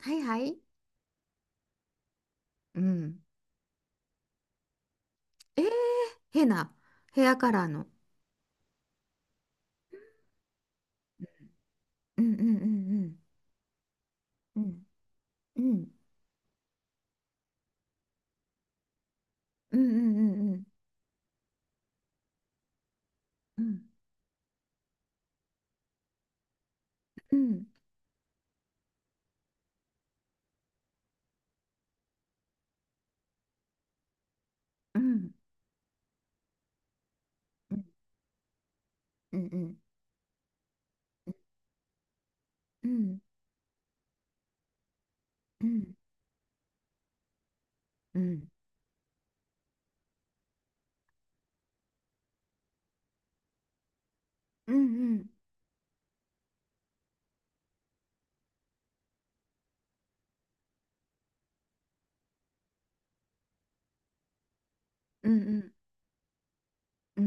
はいはい。うん。えー、変なヘアカラーの。うんうんうんうん。うん。うんうんうんうんうんうんうんうんうんうんうんうんうんう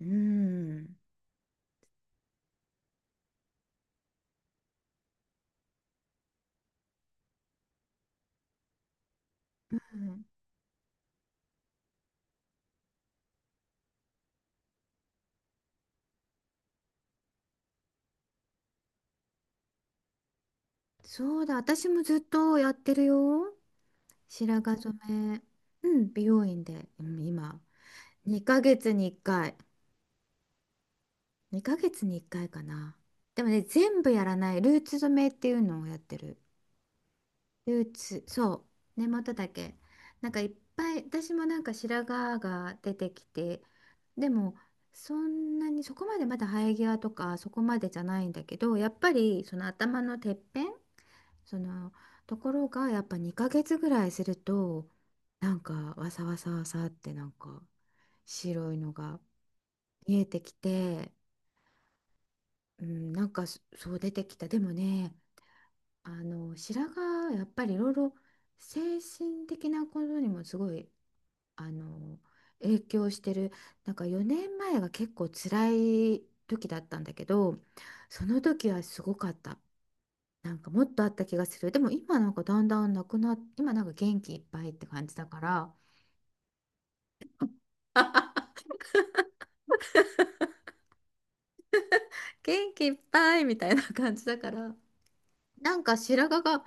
んうん。そうだ、私もずっとやってるよ、白髪染め。うん、美容院で今、2ヶ月に1回。2ヶ月に1回かいかな。でもね、全部やらないルーツ染めっていうのをやってる。ルーツ、そう、根元だけ。なんかいっぱい、私もなんか白髪が出てきて、でも、そんなにそこまでまだ生え際とかそこまでじゃないんだけど、やっぱりその頭のてっぺん、そのところがやっぱ2ヶ月ぐらいすると、なんかわさわさわさってなんか白いのが見えてきて、うん、なんかそう出てきた。でもね、あの白髪やっぱりいろいろ精神的なことにもすごいあの影響してる。なんか4年前が結構辛い時だったんだけど、その時はすごかった。なんかもっとあった気がする。でも今なんかだんだんなくなっ今なんか元気いっぱいって感じだから。 元気いっぱいみたいな感じだから、なんか白髪が、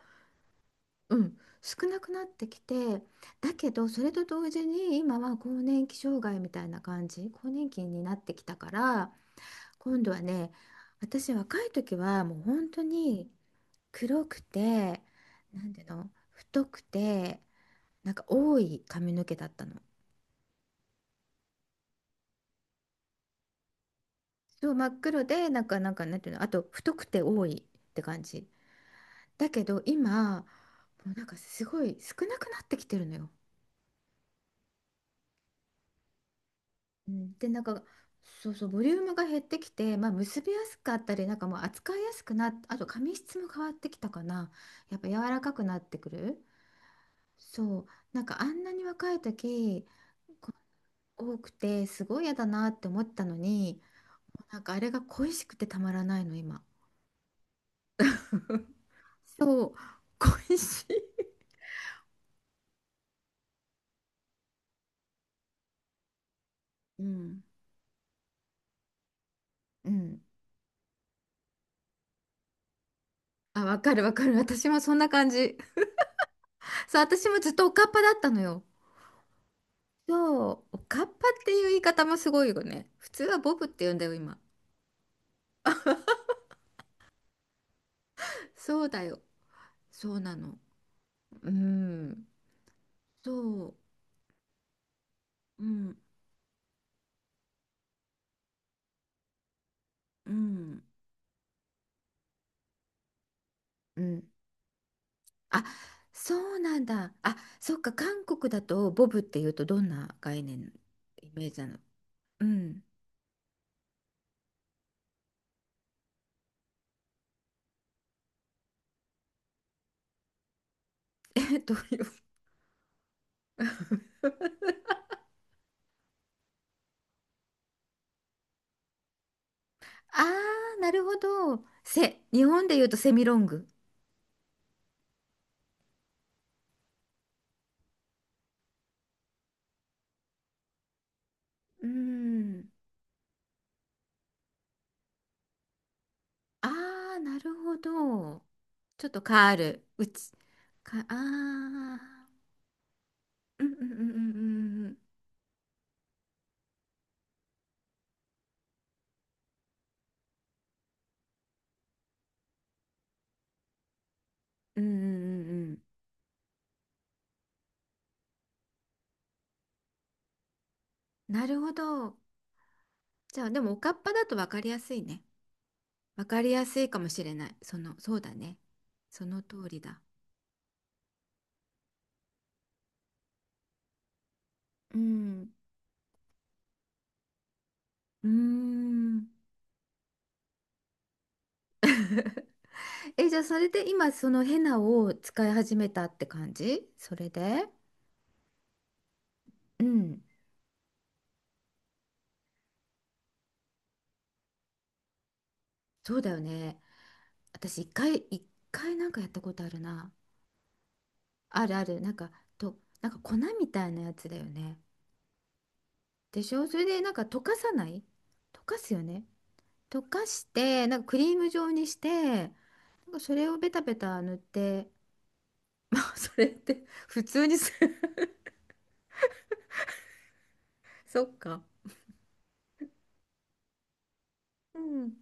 うん、少なくなってきて、だけどそれと同時に今は更年期障害みたいな感じ、更年期になってきたから。今度はね、私若い時はもう本当に黒くて、なんていうの、太くて、なんか多い髪の毛だったの。そう、真っ黒で、なんかなんていうの、あと太くて多いって感じ。だけど今もう、なんかすごい少なくなってきてるのよ。うん、でなんかそうそうボリュームが減ってきて、まあ、結びやすかったり、なんかもう扱いやすくあと髪質も変わってきたかな。やっぱ柔らかくなってくる。そう、なんかあんなに若い時こ多くてすごい嫌だなって思ったのに、なんかあれが恋しくてたまらないの、今。 そう、恋しい。うんうん、あ、わかるわかる、私もそんな感じ。そう、私もずっとおかっぱだったのよ。そう、おかっぱっていう言い方もすごいよね。普通はボブって言うんだよ、今。そうだよ。そうなの。うん。そう。うん。うん。うん。あ、そうなんだ。あ、そっか、韓国だとボブっていうとどんな概念、イメージなの。うん。え、どういう。ああ、なるほど。日本で言うとセミロング。うん。ああ、なるほど。ちょっとカール、うち、か、ああ、うんうんうんうんうんうんうんうんうん、なるほど。じゃあ、でもおかっぱだと分かりやすいね。分かりやすいかもしれない。その、そうだね。その通りだ。うん。うーん。え、じゃあ、それで今、そのヘナを使い始めたって感じ。それで？うん。そうだよね。私、一回なんかやったことあるな。あるある。なんか、なんか粉みたいなやつだよね。でしょ、それでなんか溶かさない？溶かすよね。溶かして、なんかクリーム状にして、なんかそれをベタベタ塗って、まあ、それって普通にする。 そっか。うん。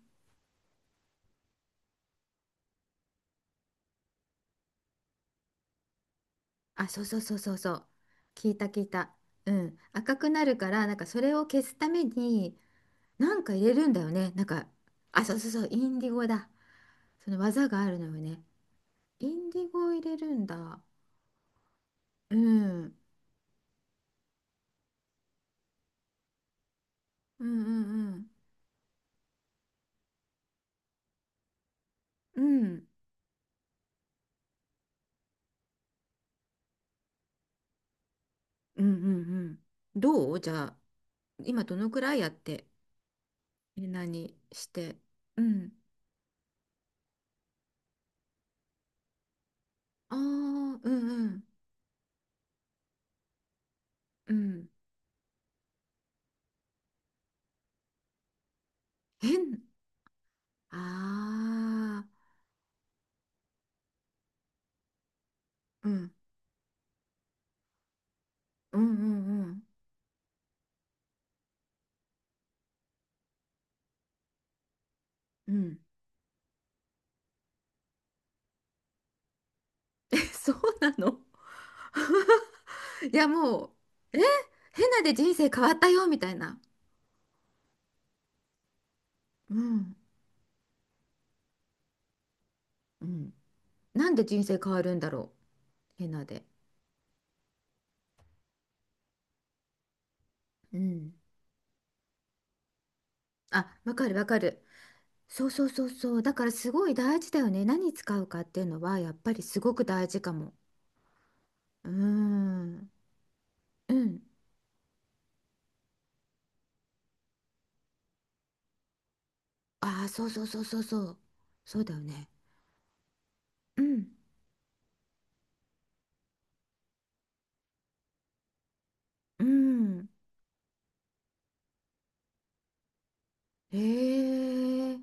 あ、そうそうそうそうそう。聞いた聞いた。うん。赤くなるから、なんかそれを消すために、なんか入れるんだよね。なんか、あ、そうそうそう、インディゴだ。その技があるのよね。インディゴを入れるんだ。うん。うんうんうん。うん。うんうんうん。どう、じゃあ今どのくらいやって、え、何して。うん。ああ、うんうん。うん。変。ああ、うん。うんうんうん。うん。え、そうなの。いや、もう、え、変なで人生変わったよ、みたいな。うん。うん。なんで人生変わるんだろう、変なで。うん。あ、わかるわかる。そうそうそうそう。だからすごい大事だよね。何使うかっていうのはやっぱりすごく大事かも。うーん。うん。ああ、そうそうそうそうそう。そうだよね。うん。うん。へえ。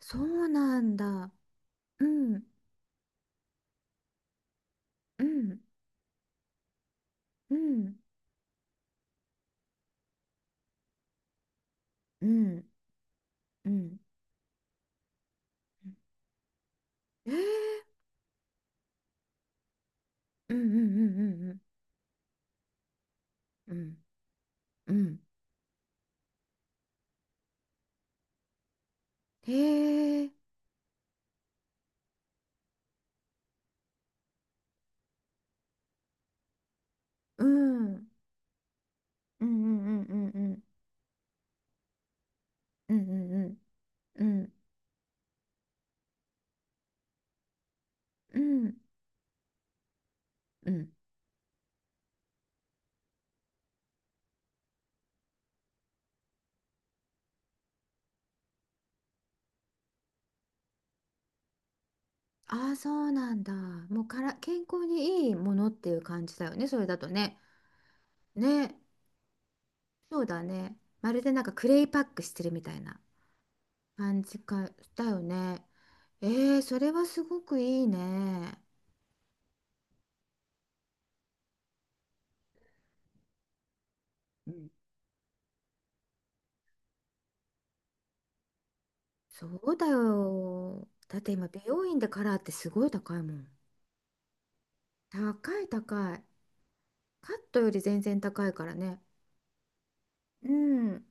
そうなんだ。うん。うん。うん。うん。うん。ええ。うんうんうんうんうん。うん。うん。へえ。うん。うんうんうんうんうん。うんうんうん。うん。うん。うん。ああ、そうなんだ。もうから、健康にいいものっていう感じだよね、それだとね。ね、そうだね。まるでなんかクレイパックしてるみたいな感じか、だよね。ええ、それはすごくいいね。うん、そうだよ。だって今、美容院でカラーってすごい高いもん。高い高い。カットより全然高いからね。うん。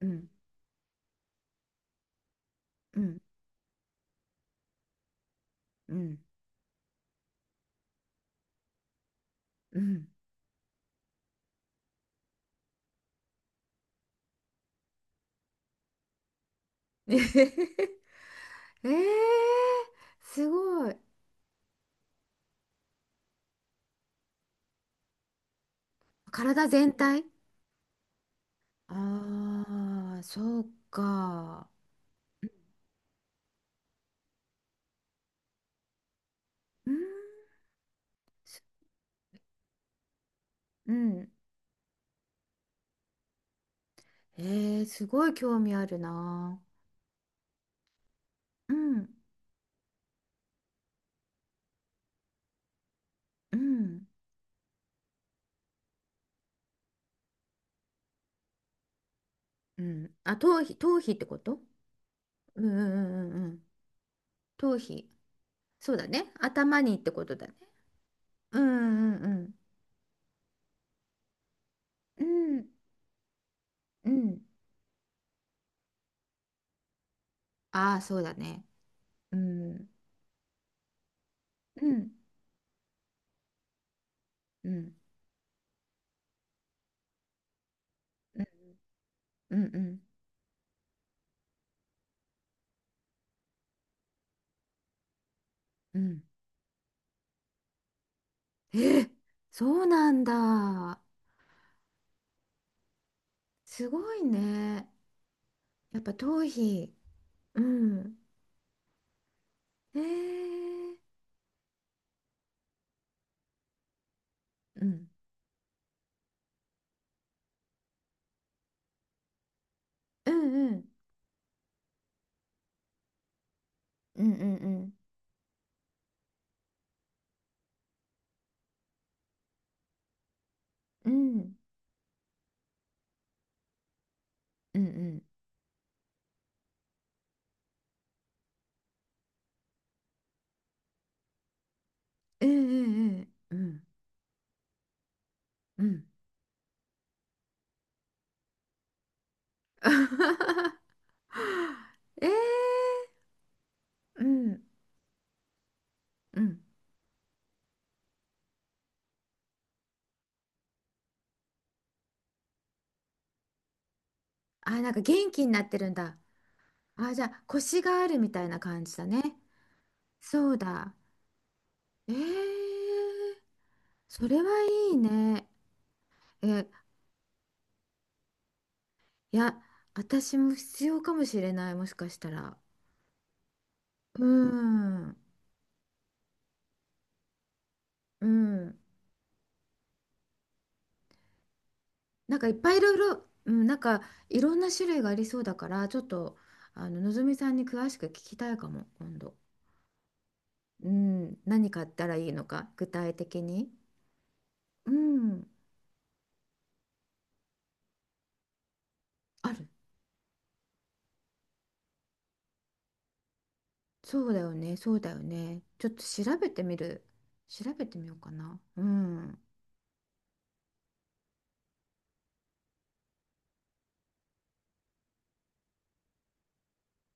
うん。うん。うん。うん。ええ、すごい。体全体、ああー、そうか。うん、すうん。えすごい興味あるな。うん、うん、うん。あ、頭皮、頭皮ってこと？うんうんうんうんうん。頭皮。そうだね。頭にってことだね。うんうんうん。うんうん。ああ、そうだね。うん。うんうんうんうんうんうん。えー、そうなんだ。すごいね。やっぱ頭皮。うん。へえ。うん。うんうん。うんうんうん。うん。うんうんええええ。うん。うん。ええ、うんうん、あ、なんか元気になってるんだ。あ、じゃあ腰があるみたいな感じだね。そうだ。ええ、それはいいね。え、いや、私も必要かもしれない、もしかしたら。うん。うん、なんかいっぱいいろいろ、うん、なんかいろんな種類がありそうだから、ちょっとのぞみさんに詳しく聞きたいかも、今度。うん、何買ったらいいのか、具体的に。うん、ある。そうだよね、そうだよね。ちょっと調べてみる。調べてみようかな。うん。